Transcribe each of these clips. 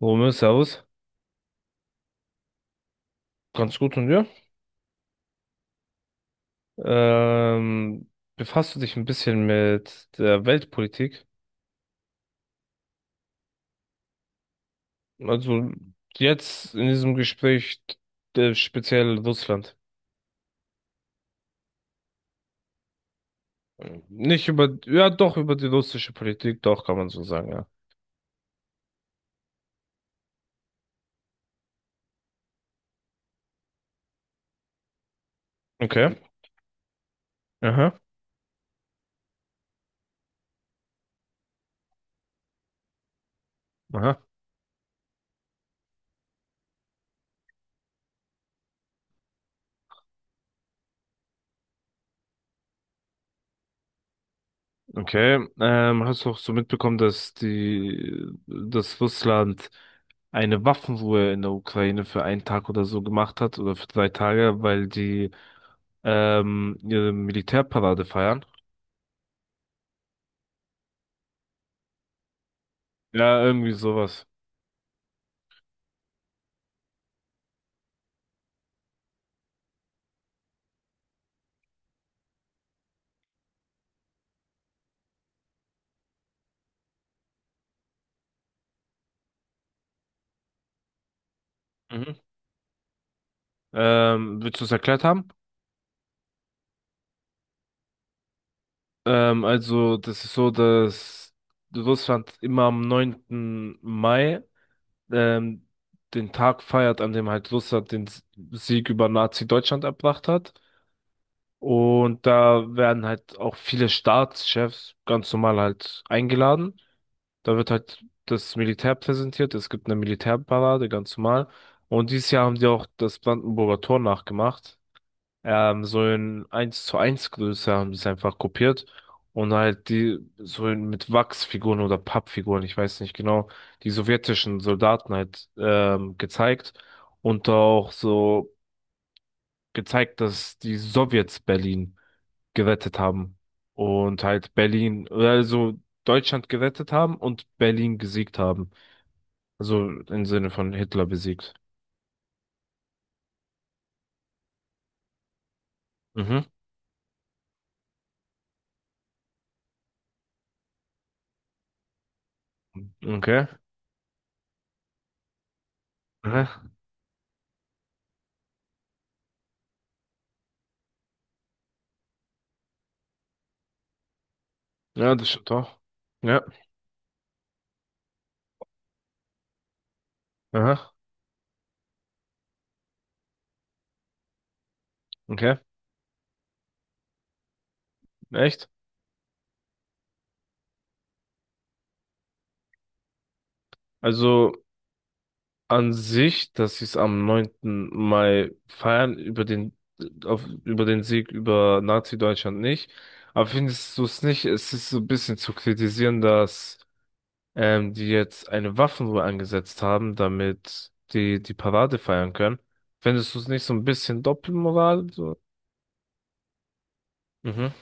Romeo, Servus. Ganz gut und dir? Ähm, befasst du dich ein bisschen mit der Weltpolitik? Also jetzt in diesem Gespräch speziell Russland. Nicht über, ja doch, über die russische Politik, doch, kann man so sagen, ja. Okay. Aha. Aha. Okay. Hast du auch so mitbekommen, dass dass Russland eine Waffenruhe in der Ukraine für einen Tag oder so gemacht hat oder für 3 Tage, weil die ihre Militärparade feiern. Ja, irgendwie sowas. Mhm. Willst du es erklärt haben? Also, das ist so, dass Russland immer am 9. Mai ähm, den Tag feiert, an dem halt Russland den Sieg über Nazi-Deutschland erbracht hat. Und da werden halt auch viele Staatschefs ganz normal halt eingeladen. Da wird halt das Militär präsentiert. Es gibt eine Militärparade, ganz normal. Und dieses Jahr haben die auch das Brandenburger Tor nachgemacht. So in eins zu eins Größe haben die es einfach kopiert. Und halt die, so in, mit Wachsfiguren oder Pappfiguren, ich weiß nicht genau, die sowjetischen Soldaten halt gezeigt. Und auch so gezeigt, dass die Sowjets Berlin gerettet haben. Und halt Berlin, also Deutschland gerettet haben und Berlin gesiegt haben. Also im Sinne von Hitler besiegt. Mhm. Okay. Aha. Ja, das stimmt doch. Ja. Aha. Okay. Echt? Also an sich, dass sie es am 9. Mai feiern, über den, auf, über den Sieg über Nazi-Deutschland nicht. Aber findest du es nicht? Es ist so ein bisschen zu kritisieren, dass die jetzt eine Waffenruhe angesetzt haben, damit die Parade feiern können. Findest du es nicht so ein bisschen Doppelmoral? So? Mhm.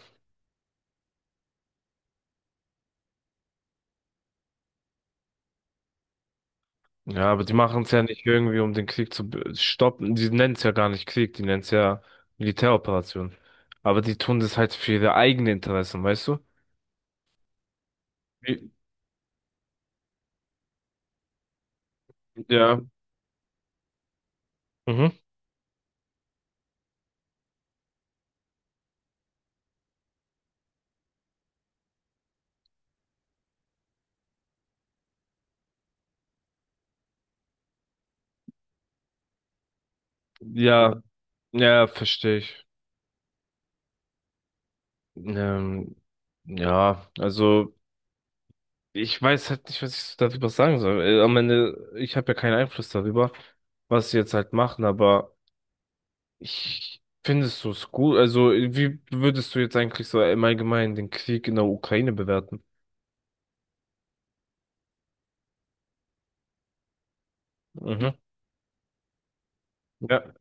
Ja, aber die machen es ja nicht irgendwie, um den Krieg zu stoppen. Die nennen es ja gar nicht Krieg, die nennen es ja Militäroperation. Aber die tun das halt für ihre eigenen Interessen, weißt du? Wie- Ja, mhm. Ja, ja, verstehe ich. Ähm, ja, also ich weiß halt nicht, was ich so darüber sagen soll. Am Ende, ich habe ja keinen Einfluss darüber, was sie jetzt halt machen, aber ich findest du es gut? Also, wie würdest du jetzt eigentlich so im Allgemeinen den Krieg in der Ukraine bewerten? Mhm. Ja.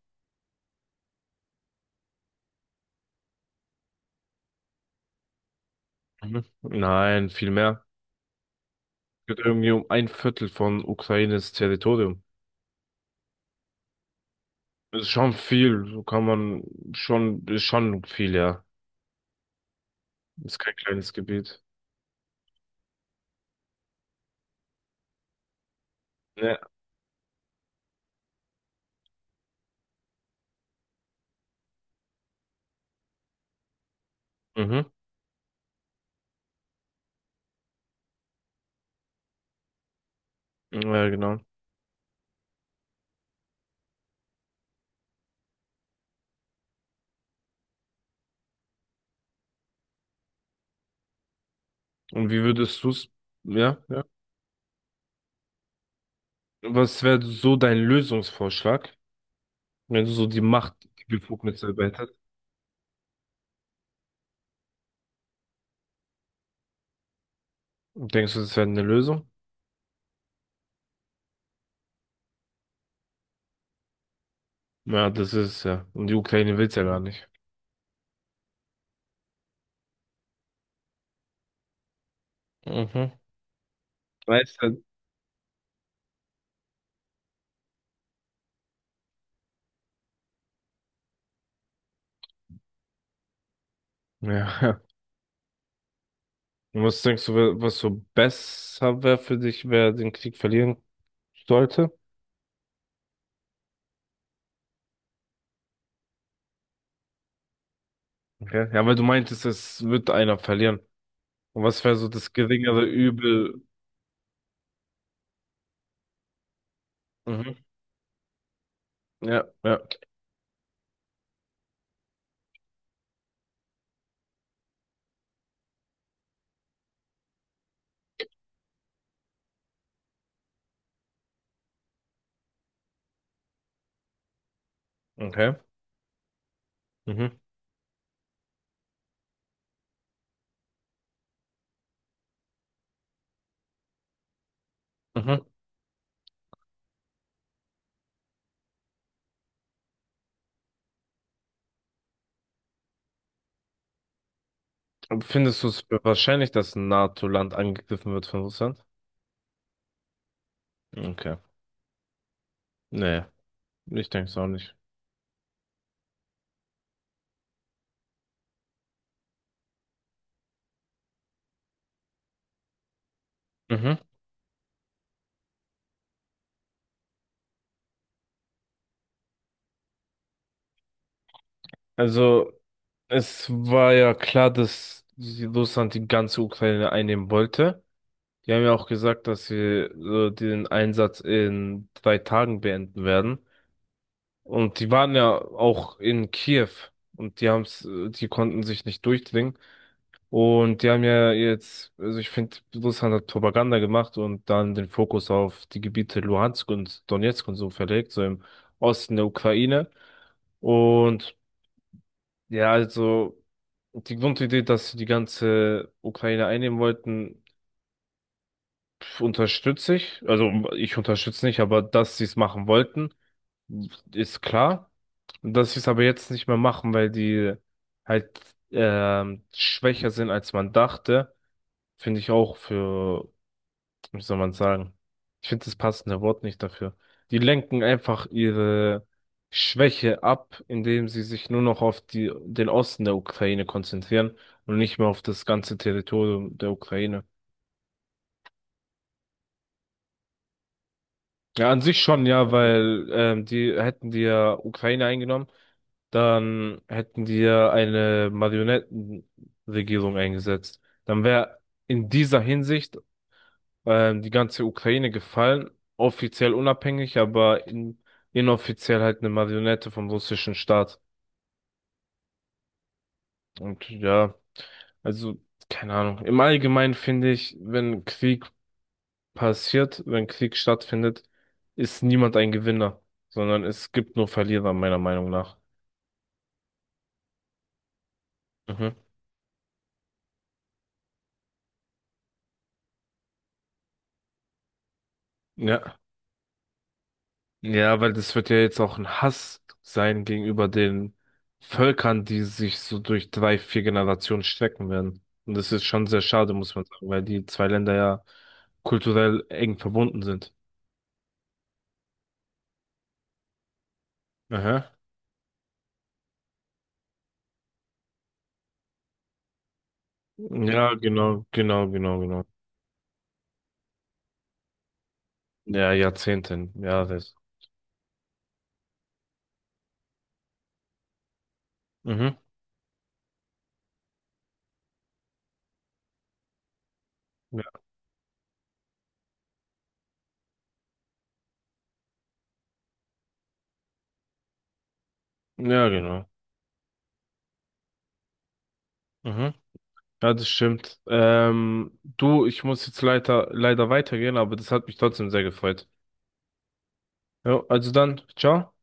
Mhm. Nein, viel mehr. Es geht irgendwie um ein Viertel von Ukraines Territorium. Ist schon viel, so kann man schon, ist schon viel, ja. Ist kein kleines Gebiet. Ja. Mhm. Ja, genau. Und wie würdest du's, ja, ja. Was wäre so dein Lösungsvorschlag, wenn du so die Macht, die Befugnisse erweitert? Denkst du, das wäre eine Lösung? Ja, das ist ja. Und die Ukraine will's ja gar nicht. Mhm. Weißt du? Ja. Und was denkst du, was so besser wäre für dich, wer den Krieg verlieren sollte? Okay. Ja, weil du meintest, es wird einer verlieren. Und was wäre so das geringere Übel? Mhm. Ja, ja. Okay. Mhm. Mhm. Und findest du es für wahrscheinlich, dass ein NATO-Land angegriffen wird von Russland? Okay. Nee, ich denke es auch nicht. Mhm. Also, es war ja klar, dass Russland die ganze Ukraine einnehmen wollte. Die haben ja auch gesagt, dass sie so den Einsatz in 3 Tagen beenden werden. Und die waren ja auch in Kiew und die haben's, die konnten sich nicht durchdringen. Und die haben ja jetzt, also ich finde, Russland hat Propaganda gemacht und dann den Fokus auf die Gebiete Luhansk und Donezk und so verlegt, so im Osten der Ukraine. Und ja, also die Grundidee, dass sie die ganze Ukraine einnehmen wollten, unterstütze ich. Also ich unterstütze nicht, aber dass sie es machen wollten, ist klar. Dass sie es aber jetzt nicht mehr machen, weil die halt schwächer sind, als man dachte, finde ich auch für, wie soll man sagen, ich finde das passende Wort nicht dafür. Die lenken einfach ihre Schwäche ab, indem sie sich nur noch auf die, den Osten der Ukraine konzentrieren und nicht mehr auf das ganze Territorium der Ukraine. Ja, an sich schon, ja, weil die hätten die ja Ukraine eingenommen, dann hätten die ja eine Marionettenregierung eingesetzt. Dann wäre in dieser Hinsicht die ganze Ukraine gefallen, offiziell unabhängig, aber in, inoffiziell halt eine Marionette vom russischen Staat. Und ja, also keine Ahnung. Im Allgemeinen finde ich, wenn Krieg passiert, wenn Krieg stattfindet, ist niemand ein Gewinner, sondern es gibt nur Verlierer, meiner Meinung nach. Mhm. Ja. Ja, weil das wird ja jetzt auch ein Hass sein gegenüber den Völkern, die sich so durch drei, vier Generationen strecken werden. Und das ist schon sehr schade, muss man sagen, weil die zwei Länder ja kulturell eng verbunden sind. Aha. Ja, genau, genau, genau, genau. Ja, Jahrzehnten, ja, das. Mhm. Ja, ja, genau. Mhm. Ja, das stimmt. Du, ich muss jetzt leider, leider weitergehen, aber das hat mich trotzdem sehr gefreut. Ja, also dann, ciao.